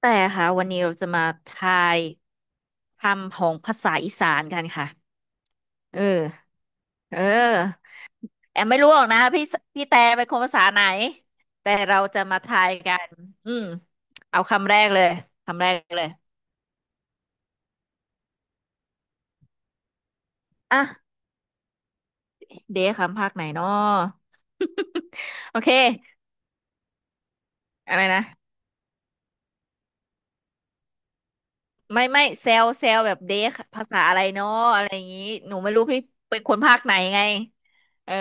แต่ค่ะวันนี้เราจะมาทายคำของภาษาอีสานกันค่ะเออเออแอมไม่รู้หรอกนะพี่พี่แต่เป็นคนภาษาไหนแต่เราจะมาทายกันอืมเอาคำแรกเลยคำแรกเลยอ่ะเดยวคำภาคไหนเนาะ โอเคอะไรนะไม่ไม่เซลเซลแบบเดยภาษาอะไรเนาะอะไรอย่างนี้หนูไม่รู้พี่เป็นคนภาคไหนไงเออ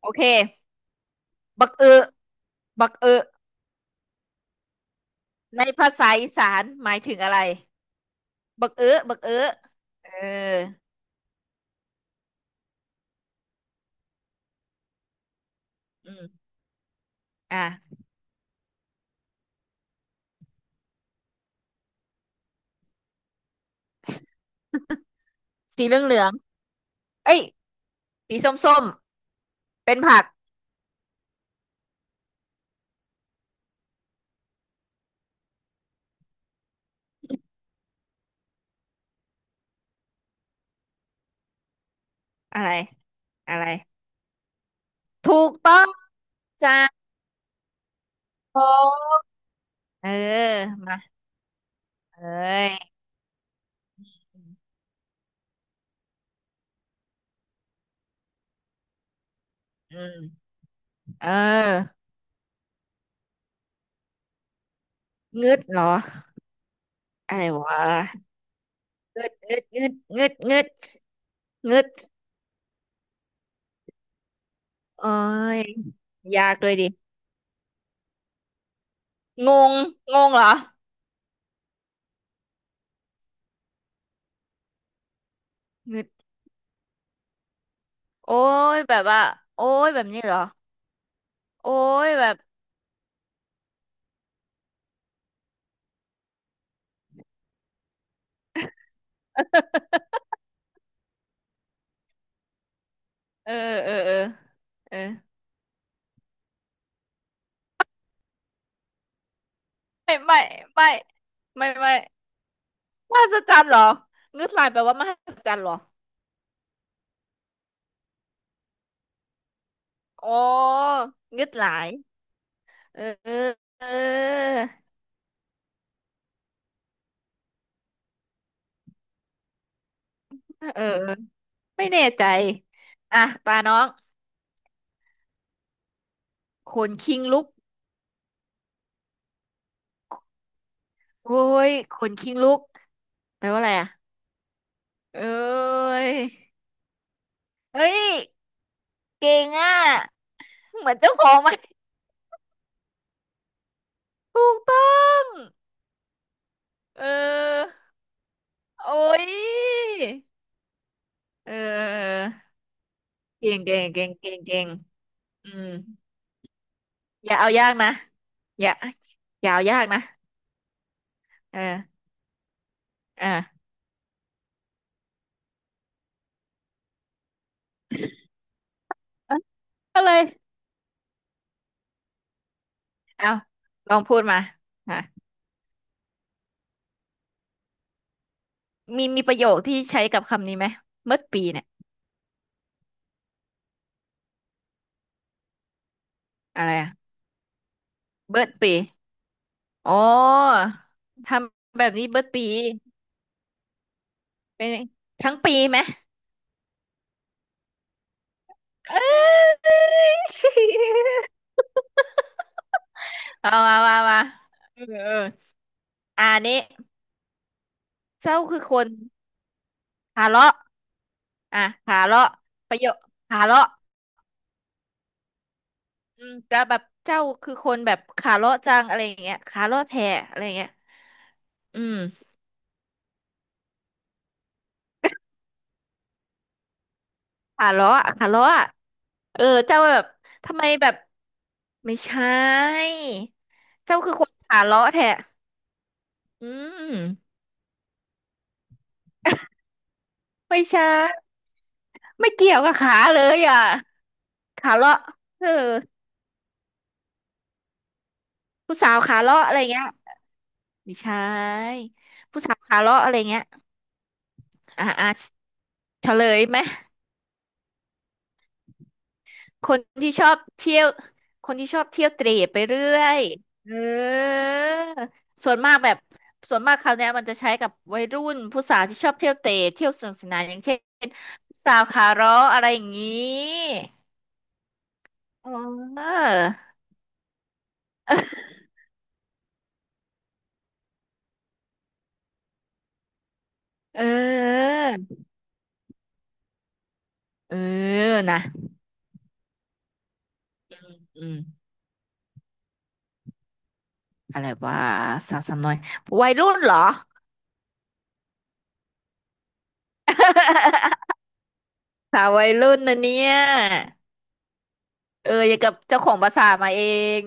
โอเคบักเออบักเออ ในภาษาอีสานหมายถึงอะไรบักเอ้อบักเอ้อเอออืมอ่ะสีเหลืองเหลืองเอ้ยสีส้มส้มเป็นผักอะไรอะไรถูกต้องจ้าผมเออมาเอ้ยอืมเอองึดเหรออะไรวะงึดงึดเอ้ยยากเลยดิงงงงเหรองึดโอ้ยแบบว่าโอ้ยแบบนี้เหรอโอ้ยแบบ เออเออเออเออไม่ไม่ไม่ไม่มหัศจรรย์เหรองึดหลายแปลว่ามหัศจรรย์เหรออ๋องึดหลายเออเออเออเออไม่แน่ใจอ่ะตาน้องขนคิงลุกโอ้ยขนคิงลุกแปลว่าอะไรอ่ะเอ้ยเฮ้ยเก่งอ่ะเหมือนเจ้าของมันถูกต้องเออโอ้ยเออ เก่งอืมอย่าเอายากนะอย่าอย่าเอายากนะ เออเออเอ้ยอะไรเอาลองพูดมาอ่ะมีมีประโยคที่ใช้กับคำนี้ไหม เบิดปีเนี่ย อะไรอะเบิดปีอ๋อทำแบบนี้เบิดปีเป็นทั้งปีไหม เอ้ย เอามาเออเอออ่านี้เจ้าคือคนทะเลาะ อ่ะขาเลาะประโยคขาเลาะอืมแล้วแบบเจ้าคือคนแบบขาเลาะจังอะไรอย่างเงี้ยขาเลาะแท้อะไรอย่างเงี้ยอืมขาเลาะขาเลาะเออเจ้าแบบทำไมแบบไม่ใช่เจ้าคือคนขาเลาะแท้อืมไม่ใช่ไม่เกี่ยวกับขาเลยอ่ะขาเลาะเออผู้สาวขาเลาะอะไรเงี้ยไม่ใช่ผู้สาวขาเลาะอะไรเงี้ยอ่าอ่าเฉลยไหม คนที่ชอบเที่ยวคนที่ชอบเที่ยวเตร่ไปเรื่อยเออส่วนมากแบบส่วนมากคราวเนี้ยมันจะใช้กับวัยรุ่นผู้สาวที่ชอบเที่ยวเตร่เที่ยวสนุกสนานอย่างเช่นผู้สาวขาเร้ออะไรอย่างนี้เออเออเออนะอืมอะไรว่าสาวสำน้อยวัยรุ่นเหรอ สาววัยรุ่นนะเนี่ยเอออย่างกับเจ้าของภาษามาเอง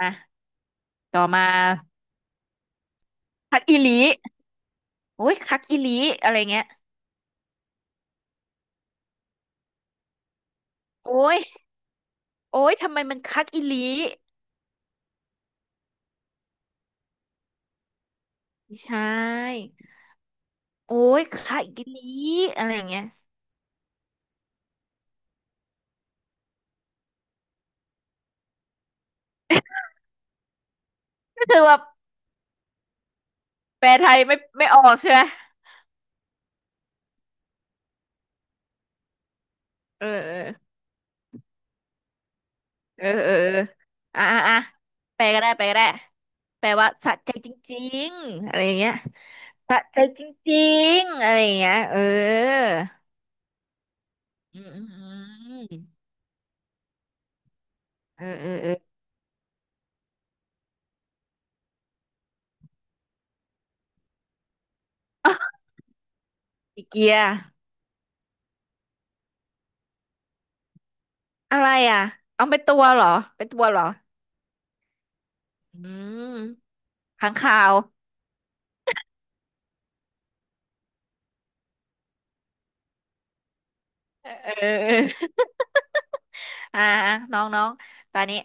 อ่ะต่อมาพักอีหลี โอ้ยคักอีหลีอะไรเงี้ยโอ้ยโอ้ยทำไมมันคักอีหลีไม่ใช่โอ้ยคักอีหลีอะไรเงี้ยก็คือว่าแปลไทยไม่ออกใช่ไหมเออเออเออเออเอออ่ะแปลก็ได้แปลก็ได้แปลว่าสะใจจริงๆอะไรอย่างเงี้ยสะใจจริงๆอะไรอย่างเงี้ยเอออืมอืมอืมเออเออเออ อีเกียอะไรอ่ะเอาไปตัวเหรอไปตัวเหรออืม ค้างคาวเออเออเอออ่าน้องน้องตอนนี้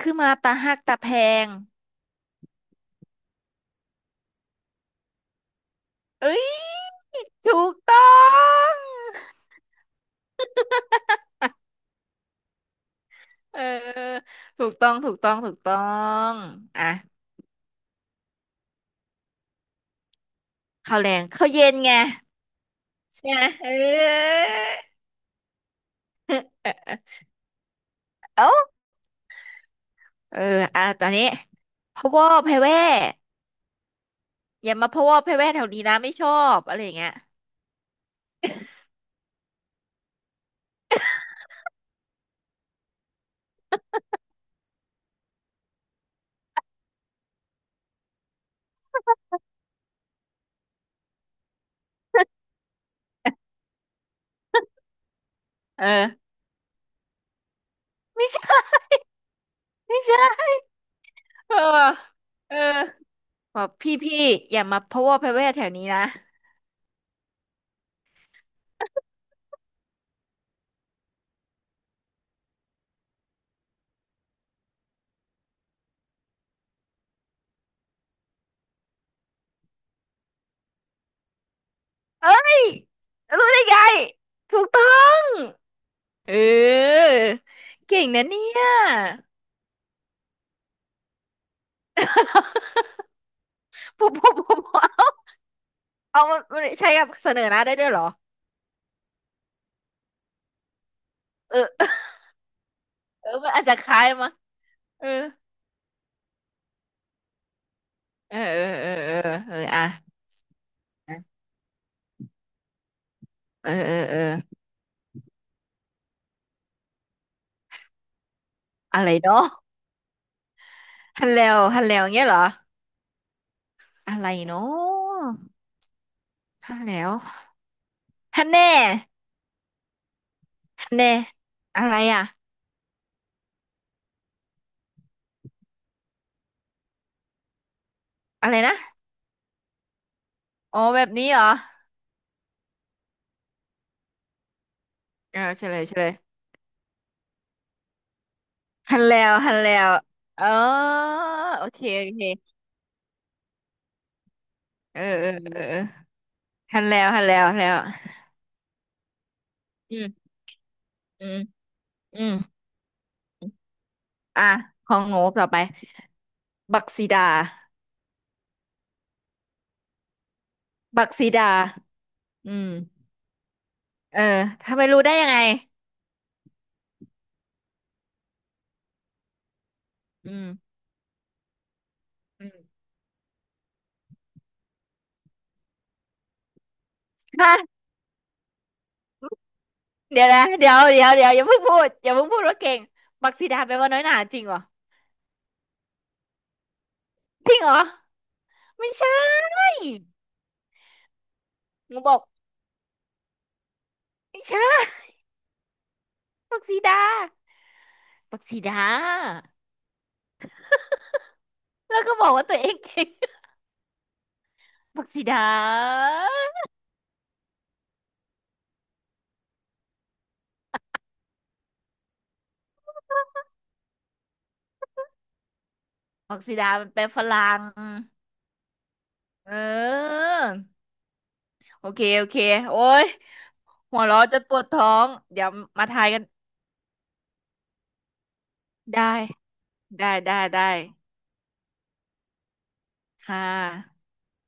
คือมาตาหักตาแพงเอ้ยถูกต้องเออถูกต้องอ่ะข้าวแรงข้าวเย็นไงใช่ไหมเออ เอ้าเอออ่ะตอนนี้พะวอแพะแว่อย่ามาพะวอแพะแว่แถวนี้นะไม่ชอบอะไรอย่างเงี้ยเออไม่ใช่ไม่ใช่เออเออ บอกพี่พี่อย่ามาพะวกพะแวแถวนี้นะเอ้ยรู้ได้ไงถูกต้องเออเก่งนะเนี่ย พวกเอามันมันใช้กับเสนอหน้าได้ด้วยเหรอเออเออมันอาจจะคล้ายมั้งเออเออเออเออเออเอออะเออเออเอออะไรเนาะฮัลโหลวฮัลโหลวเงี้ยเหรออะไรเนาะฮัลโหลวฮันแน่ฮันแน่อะไรอะอะไรนะอ๋อแบบนี้เหรอเออเฉลยเฉลย ฮันแล้วฮันแล้วเออโอเคโอเคเออเออเออเออฮันแล้วอืมอืมอืมอ่ะของโง่ต่อไปบักซีดาบักซีดาอืมเออทำไมรู้ได้ยังไงอืมอืม ฮะเดี๋ยวนะเดี๋ยวอย่าเพิ่งพูดอย่าเพิ่งพูดว่าเก่งบักซีดาแปลว่าน้อยหนาจริงเหรอจริงเหรอ ไม่ใช่หนูบอกไม่ใช่บักซีดาบักซีดาแล้วก็บอกว่าตัวเองเก่ง ผักสีดาผักสีดามันเป็นฝรั่งเออโอเคโอเคโอ้ยหัวเราะจะปวดท้อง เดี๋ยวมาทายกันได้ได้ค่ะ